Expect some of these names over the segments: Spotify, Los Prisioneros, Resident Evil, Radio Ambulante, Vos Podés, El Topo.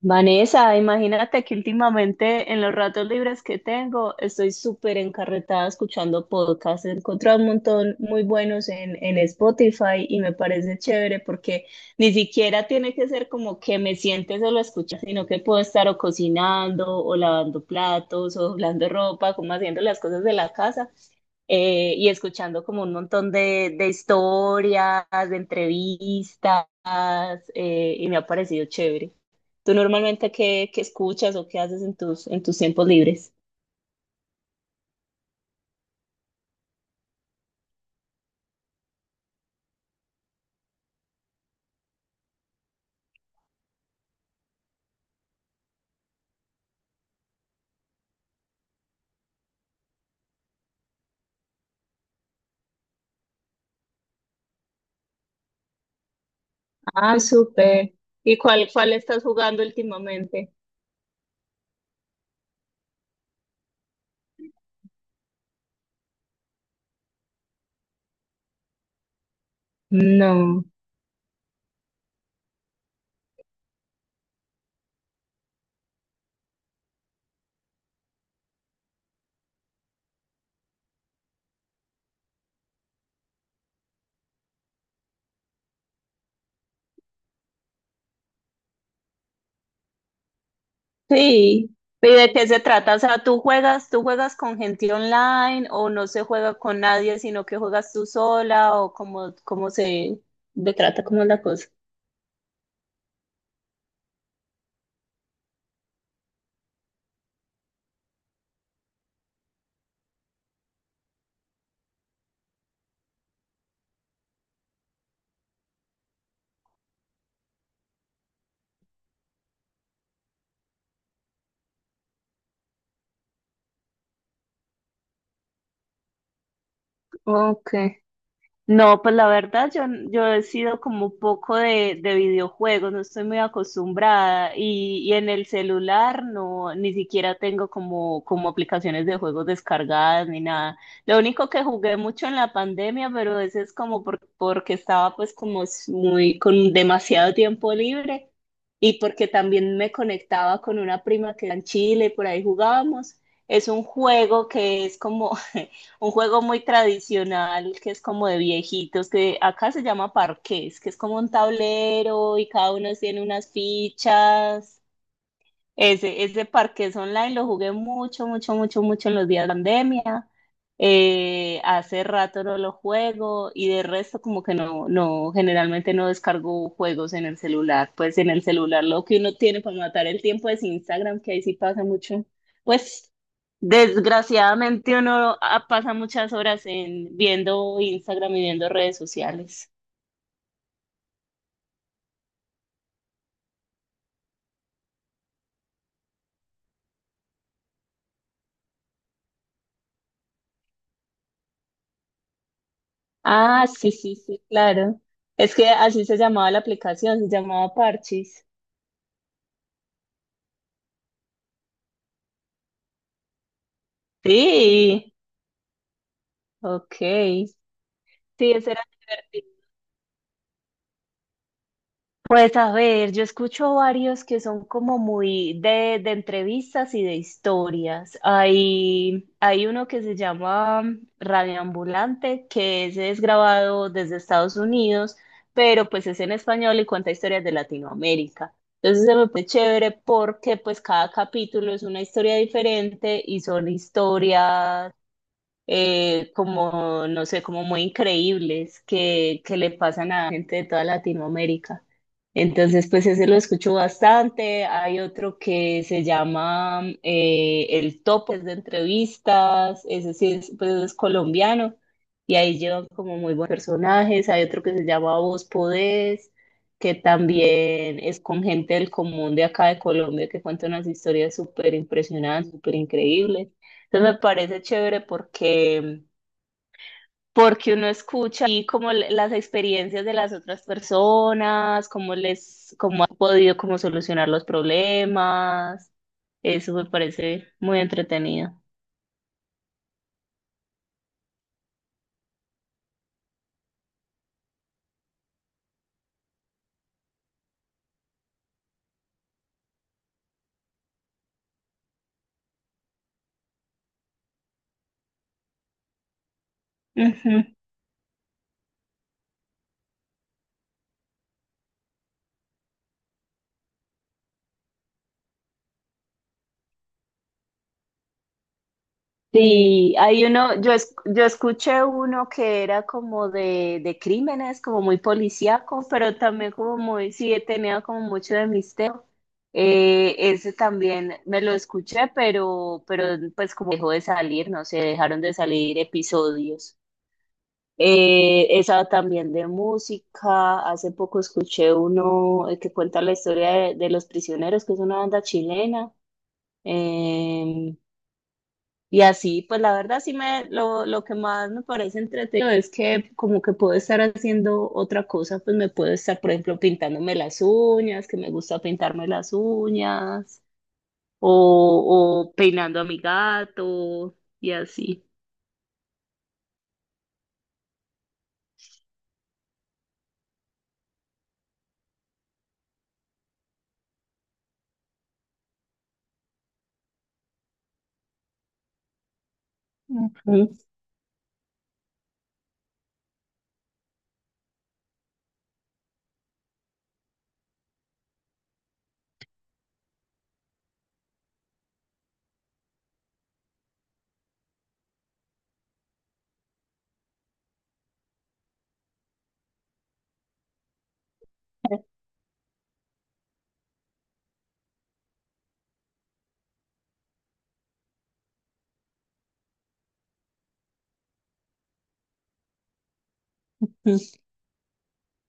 Vanessa, imagínate que últimamente en los ratos libres que tengo estoy súper encarretada escuchando podcasts. He encontrado un montón muy buenos en Spotify y me parece chévere porque ni siquiera tiene que ser como que me siente solo a escuchar, sino que puedo estar o cocinando o lavando platos o doblando ropa, como haciendo las cosas de la casa, y escuchando como un montón de historias, de entrevistas. Y me ha parecido chévere. ¿Tú normalmente qué escuchas o qué haces en en tus tiempos libres? Ah, súper. ¿Y cuál estás jugando últimamente? No. Sí. ¿Y de qué se trata? O sea, tú juegas con gente online o no se juega con nadie, sino que juegas tú sola o cómo se de trata, cómo es la cosa? Ok. No, pues la verdad yo he sido como un poco de videojuegos, no estoy muy acostumbrada y en el celular no, ni siquiera tengo como aplicaciones de juegos descargadas ni nada. Lo único que jugué mucho en la pandemia, pero ese es como porque estaba pues como muy con demasiado tiempo libre y porque también me conectaba con una prima que era en Chile, por ahí jugábamos. Es un juego que es como... un juego muy tradicional que es como de viejitos, que acá se llama parqués, que es como un tablero y cada uno tiene unas fichas. Ese parqués online lo jugué mucho, mucho, mucho, mucho en los días de pandemia. Hace rato no lo juego y de resto como que no, generalmente no descargo juegos en el celular. Pues en el celular lo que uno tiene para matar el tiempo es Instagram, que ahí sí pasa mucho. Pues desgraciadamente uno pasa muchas horas en viendo Instagram y viendo redes sociales. Ah, sí, sí, sí, claro. Es que así se llamaba la aplicación, se llamaba Parchis. Sí, ok. Sí, ese era divertido. Pues a ver, yo escucho varios que son como muy de entrevistas y de historias. Hay uno que se llama Radio Ambulante, que ese es grabado desde Estados Unidos, pero pues es en español y cuenta historias de Latinoamérica. Entonces se me fue chévere porque pues cada capítulo es una historia diferente y son historias, como, no sé, como muy increíbles que le pasan a gente de toda Latinoamérica. Entonces, pues ese lo escucho bastante. Hay otro que se llama El Topo, es de entrevistas, ese sí es, pues es colombiano y ahí llevan como muy buenos personajes. Hay otro que se llama Vos Podés, que también es con gente del común de acá de Colombia que cuenta unas historias súper impresionantes, súper increíbles. Entonces me parece chévere porque uno escucha y como las experiencias de las otras personas, cómo les, cómo han podido como solucionar los problemas. Eso me parece muy entretenido. Ujú. Sí, hay uno, yo escuché uno que era como de crímenes, como muy policíaco, pero también como muy, sí, tenía como mucho de misterio. Ese también me lo escuché, pero pues como dejó de salir, no sé, dejaron de salir episodios. Esa también de música, hace poco escuché uno, que cuenta la historia de Los Prisioneros, que es una banda chilena. Em, y así, pues la verdad sí lo que más me parece entretenido es que como que puedo estar haciendo otra cosa, pues me puedo estar, por ejemplo, pintándome las uñas, que me gusta pintarme las uñas, o peinando a mi gato, y así. Mm. Ujú.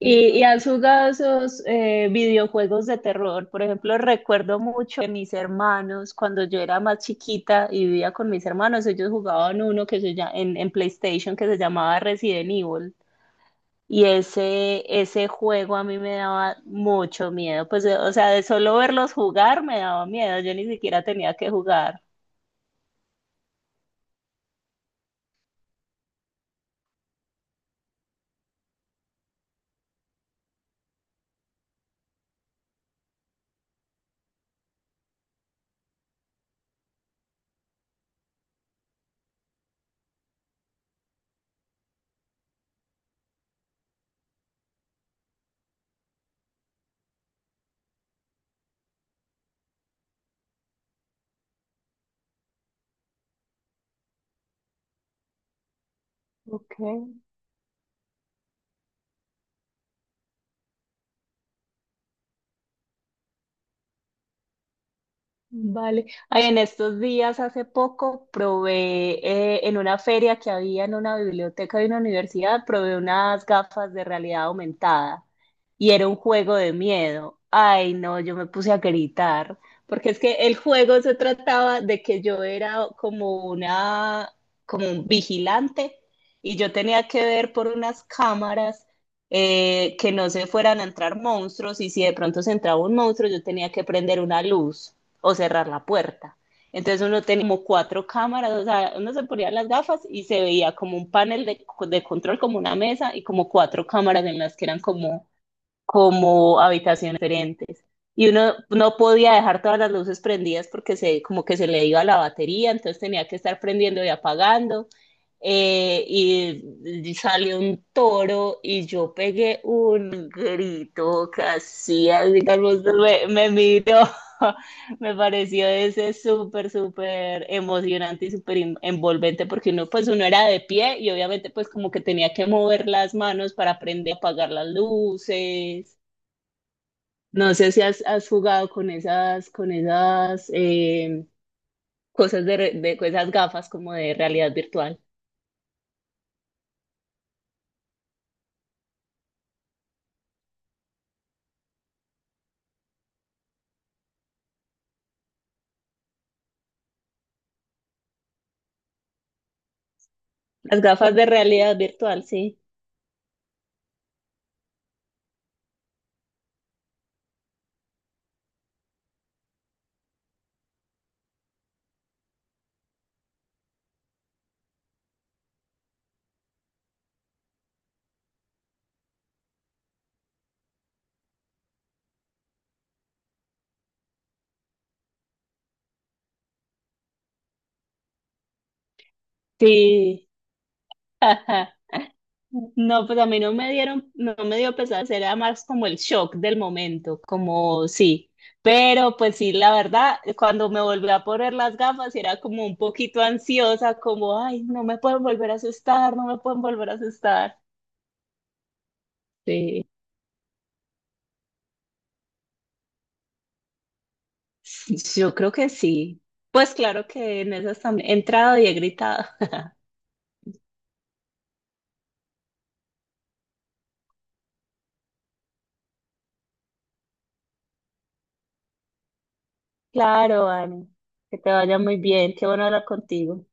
¿Y, y has jugado esos videojuegos de terror? Por ejemplo, recuerdo mucho que mis hermanos, cuando yo era más chiquita y vivía con mis hermanos, ellos jugaban uno que se llama, en PlayStation, que se llamaba Resident Evil. Y ese juego a mí me daba mucho miedo. Pues, o sea, de solo verlos jugar me daba miedo. Yo ni siquiera tenía que jugar. Ok. Vale. Ay, en estos días, hace poco, probé en una feria que había en una biblioteca de una universidad, probé unas gafas de realidad aumentada y era un juego de miedo. Ay, no, yo me puse a gritar, porque es que el juego se trataba de que yo era como una, como un vigilante y yo tenía que ver por unas cámaras, que no se fueran a entrar monstruos y si de pronto se entraba un monstruo, yo tenía que prender una luz o cerrar la puerta. Entonces uno tenía como cuatro cámaras, o sea, uno se ponía las gafas y se veía como un panel de control, como una mesa y como cuatro cámaras en las que eran como, como habitaciones diferentes. Y uno no podía dejar todas las luces prendidas porque se, como que se le iba la batería, entonces tenía que estar prendiendo y apagando. Y salió un toro y yo pegué un grito casi, digamos, me miró. Me pareció ese súper, súper emocionante y súper envolvente porque uno, pues uno era de pie y obviamente pues como que tenía que mover las manos para aprender a apagar las luces. No sé si has jugado con esas cosas re- de con esas gafas como de realidad virtual. Las gafas de realidad virtual, sí. Sí. No, pues a mí no me dieron, no me dio pesar, era más como el shock del momento, como sí. Pero pues sí, la verdad, cuando me volví a poner las gafas, era como un poquito ansiosa, como, ay, no me pueden volver a asustar, no me pueden volver a asustar. Sí, yo creo que sí. Pues claro que en esas también he entrado y he gritado. Claro, Ani, que te vaya muy bien, qué bueno hablar contigo.